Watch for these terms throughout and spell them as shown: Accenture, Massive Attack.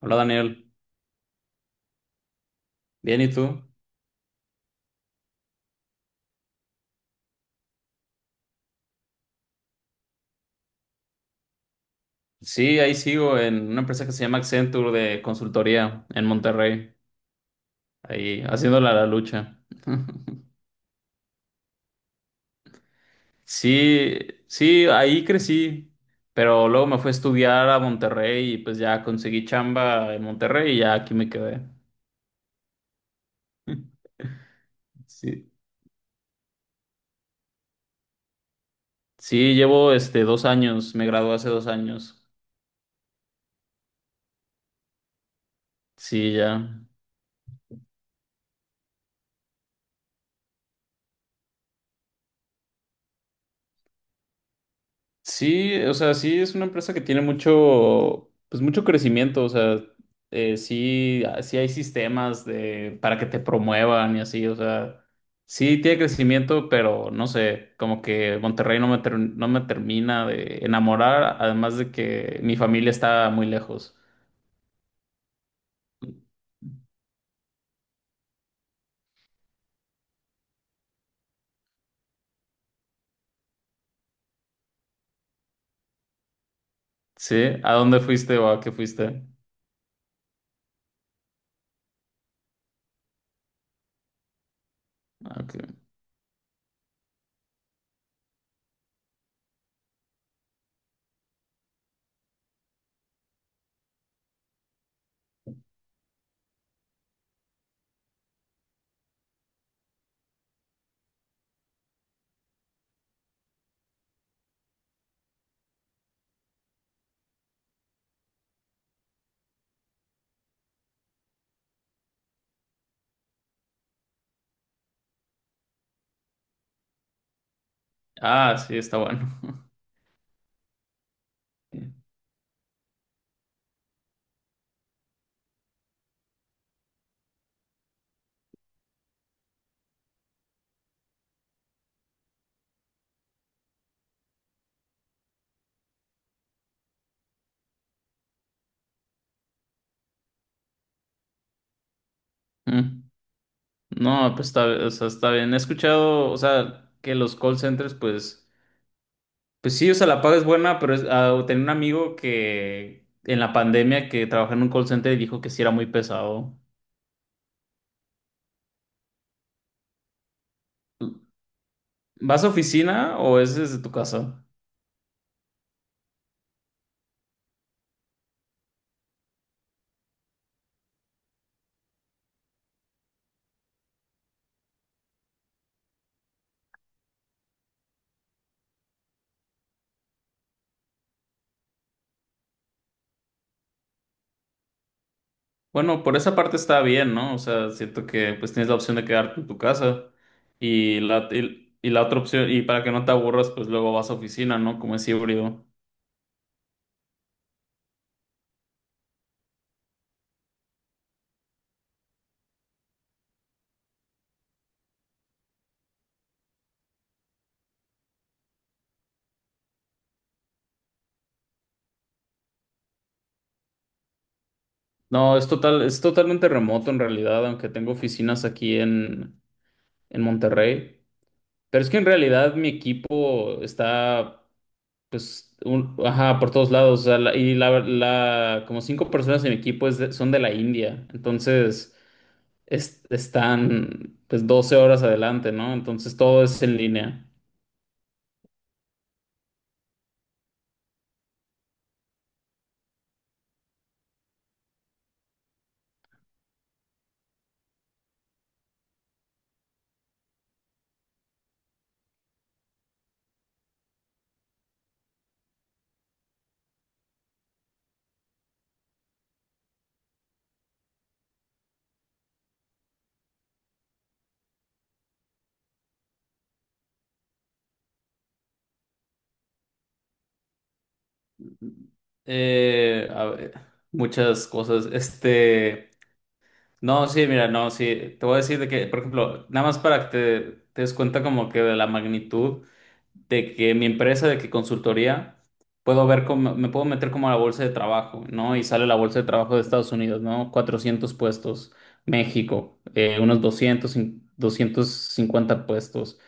Hola Daniel, bien, ¿y tú? Sí, ahí sigo en una empresa que se llama Accenture de consultoría en Monterrey, ahí haciéndola la lucha. Sí, sí, ahí crecí, pero luego me fui a estudiar a Monterrey y pues ya conseguí chamba en Monterrey y ya aquí me quedé. Sí, sí, llevo 2 años, me gradué hace 2 años. Sí, ya. Sí, o sea, sí es una empresa que tiene mucho, pues mucho crecimiento, o sea, sí, sí hay sistemas de, para que te promuevan y así, o sea, sí tiene crecimiento, pero no sé, como que Monterrey no me, no me termina de enamorar, además de que mi familia está muy lejos. ¿Sí? ¿A dónde fuiste o a qué fuiste? Ah, ok. Ah, sí, está bueno. Mm. No, pues está, o sea, está bien. He escuchado, o sea, que los call centers, pues pues sí, o sea, la paga es buena, pero ah, tenía un amigo que en la pandemia que trabajaba en un call center y dijo que sí era muy pesado. ¿Vas a oficina o es desde tu casa? Bueno, por esa parte está bien, ¿no? O sea, siento que pues tienes la opción de quedarte en tu casa y la, y la otra opción, y para que no te aburras, pues luego vas a oficina, ¿no? Como es híbrido. No, es total, es totalmente remoto en realidad, aunque tengo oficinas aquí en Monterrey. Pero es que en realidad mi equipo está pues, ajá, por todos lados. O sea, y la, la, como 5 personas en mi equipo son de la India. Entonces, están pues 12 horas adelante, ¿no? Entonces, todo es en línea. A ver, muchas cosas. No, sí, mira, no, sí, te voy a decir de que, por ejemplo, nada más para que te des cuenta como que de la magnitud. De que mi empresa, de que consultoría, puedo ver cómo, me puedo meter como a la bolsa de trabajo, ¿no? Y sale la bolsa de trabajo de Estados Unidos, ¿no? 400 puestos, México, unos 250 puestos.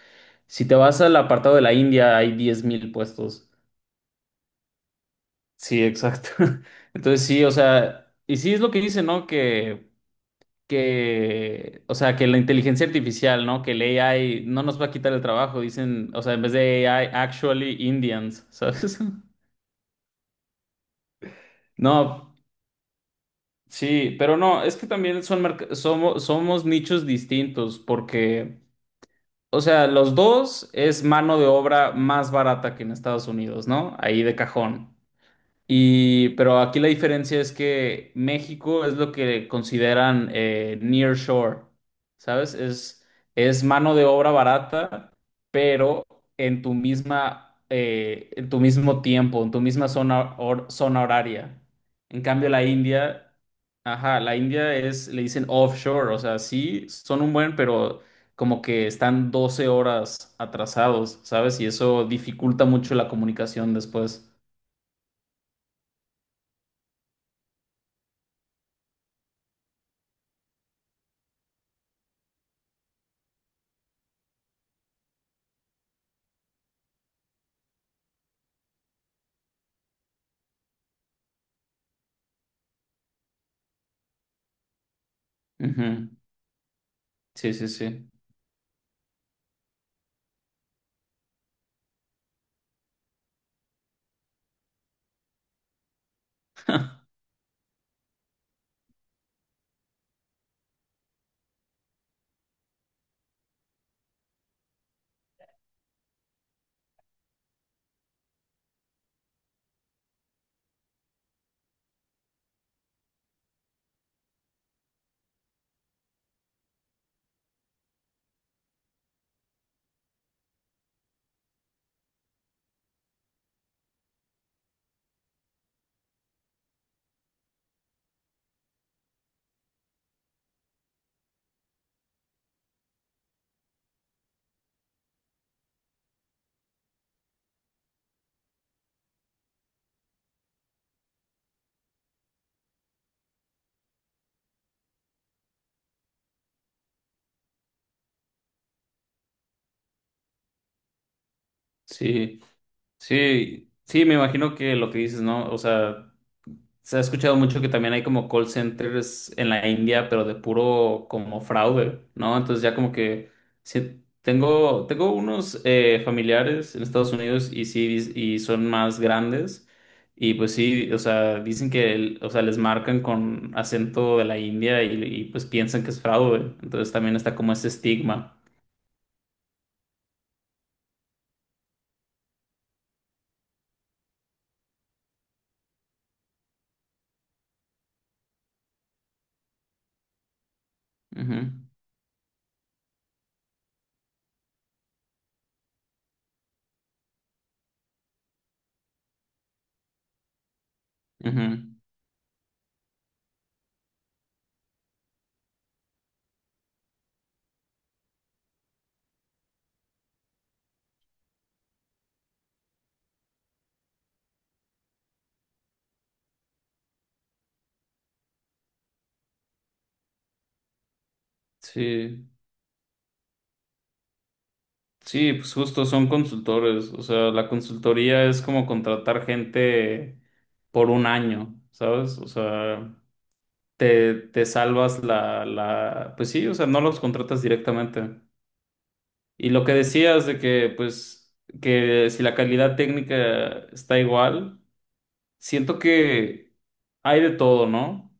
Si te vas al apartado de la India, hay 10,000 puestos. Sí, exacto. Entonces sí, o sea, y sí es lo que dice, ¿no? Que, o sea, que la inteligencia artificial, ¿no? Que el AI no nos va a quitar el trabajo, dicen, o sea, en vez de AI, actually Indians, ¿sabes? No, sí, pero no, es que también son somos, somos nichos distintos porque, o sea, los dos es mano de obra más barata que en Estados Unidos, ¿no? Ahí de cajón. Y, pero aquí la diferencia es que México es lo que consideran near shore, ¿sabes? Es mano de obra barata, pero en tu misma, en tu mismo tiempo, en tu misma zona, zona horaria. En cambio, la India, ajá, la India es, le dicen offshore, o sea, sí, son un buen, pero como que están 12 horas atrasados, ¿sabes? Y eso dificulta mucho la comunicación después. Ujú. Sí, sí, sí. Sí, sí, sí, me imagino que lo que dices, ¿no? O sea, se ha escuchado mucho que también hay como call centers en la India, pero de puro como fraude, ¿no? Entonces ya como que sí, tengo, tengo unos familiares en Estados Unidos y sí, y son más grandes. Y pues sí, o sea, dicen que, o sea, les marcan con acento de la India y pues piensan que es fraude. Entonces también está como ese estigma. Ujú, ujú. Sí. Sí, pues justo son consultores, o sea, la consultoría es como contratar gente por 1 año, ¿sabes? O sea, te salvas la, la, pues sí, o sea, no los contratas directamente. Y lo que decías de que, pues, que si la calidad técnica está igual, siento que hay de todo, ¿no?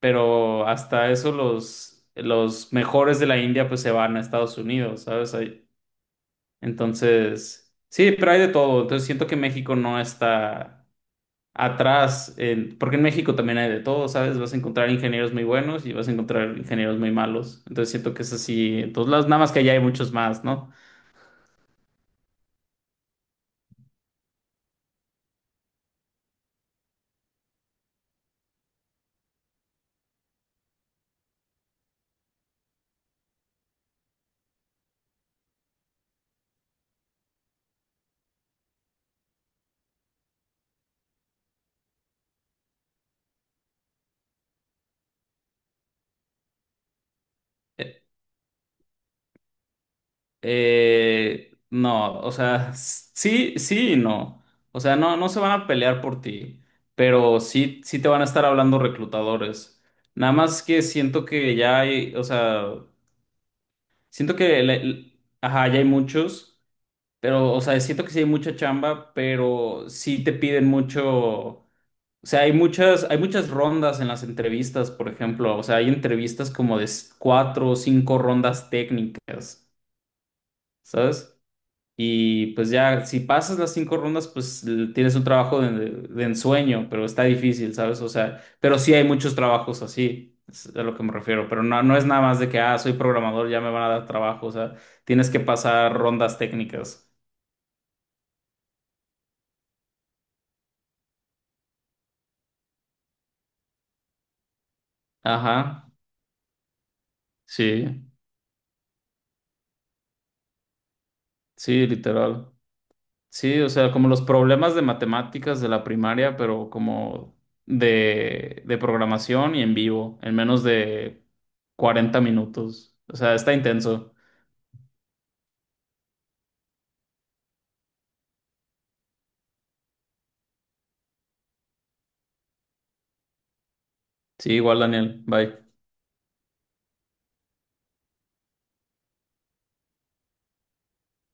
Pero hasta eso los mejores de la India, pues, se van a Estados Unidos, ¿sabes? Hay- entonces, sí, pero hay de todo. Entonces siento que México no está atrás, porque en México también hay de todo, ¿sabes? Vas a encontrar ingenieros muy buenos y vas a encontrar ingenieros muy malos. Entonces siento que es así. Entonces, las, nada más que allá hay muchos más, ¿no? Eh, no, o sea, sí, sí y no. O sea, no, no se van a pelear por ti, pero sí, sí te van a estar hablando reclutadores. Nada más que siento que ya hay, o sea, siento que, ajá, ya hay muchos. Pero, o sea, siento que sí hay mucha chamba, pero sí te piden mucho. O sea, hay muchas rondas en las entrevistas, por ejemplo. O sea, hay entrevistas como de cuatro o cinco rondas técnicas, ¿sabes? Y pues ya, si pasas las cinco rondas, pues tienes un trabajo de ensueño, pero está difícil, ¿sabes? O sea, pero sí hay muchos trabajos así, es a lo que me refiero. Pero no, no es nada más de que, ah, soy programador, ya me van a dar trabajo. O sea, tienes que pasar rondas técnicas. Ajá. Sí, sí, literal. Sí, o sea, como los problemas de matemáticas de la primaria, pero como de programación y en vivo, en menos de 40 minutos. O sea, está intenso. Sí, igual, Daniel. Bye.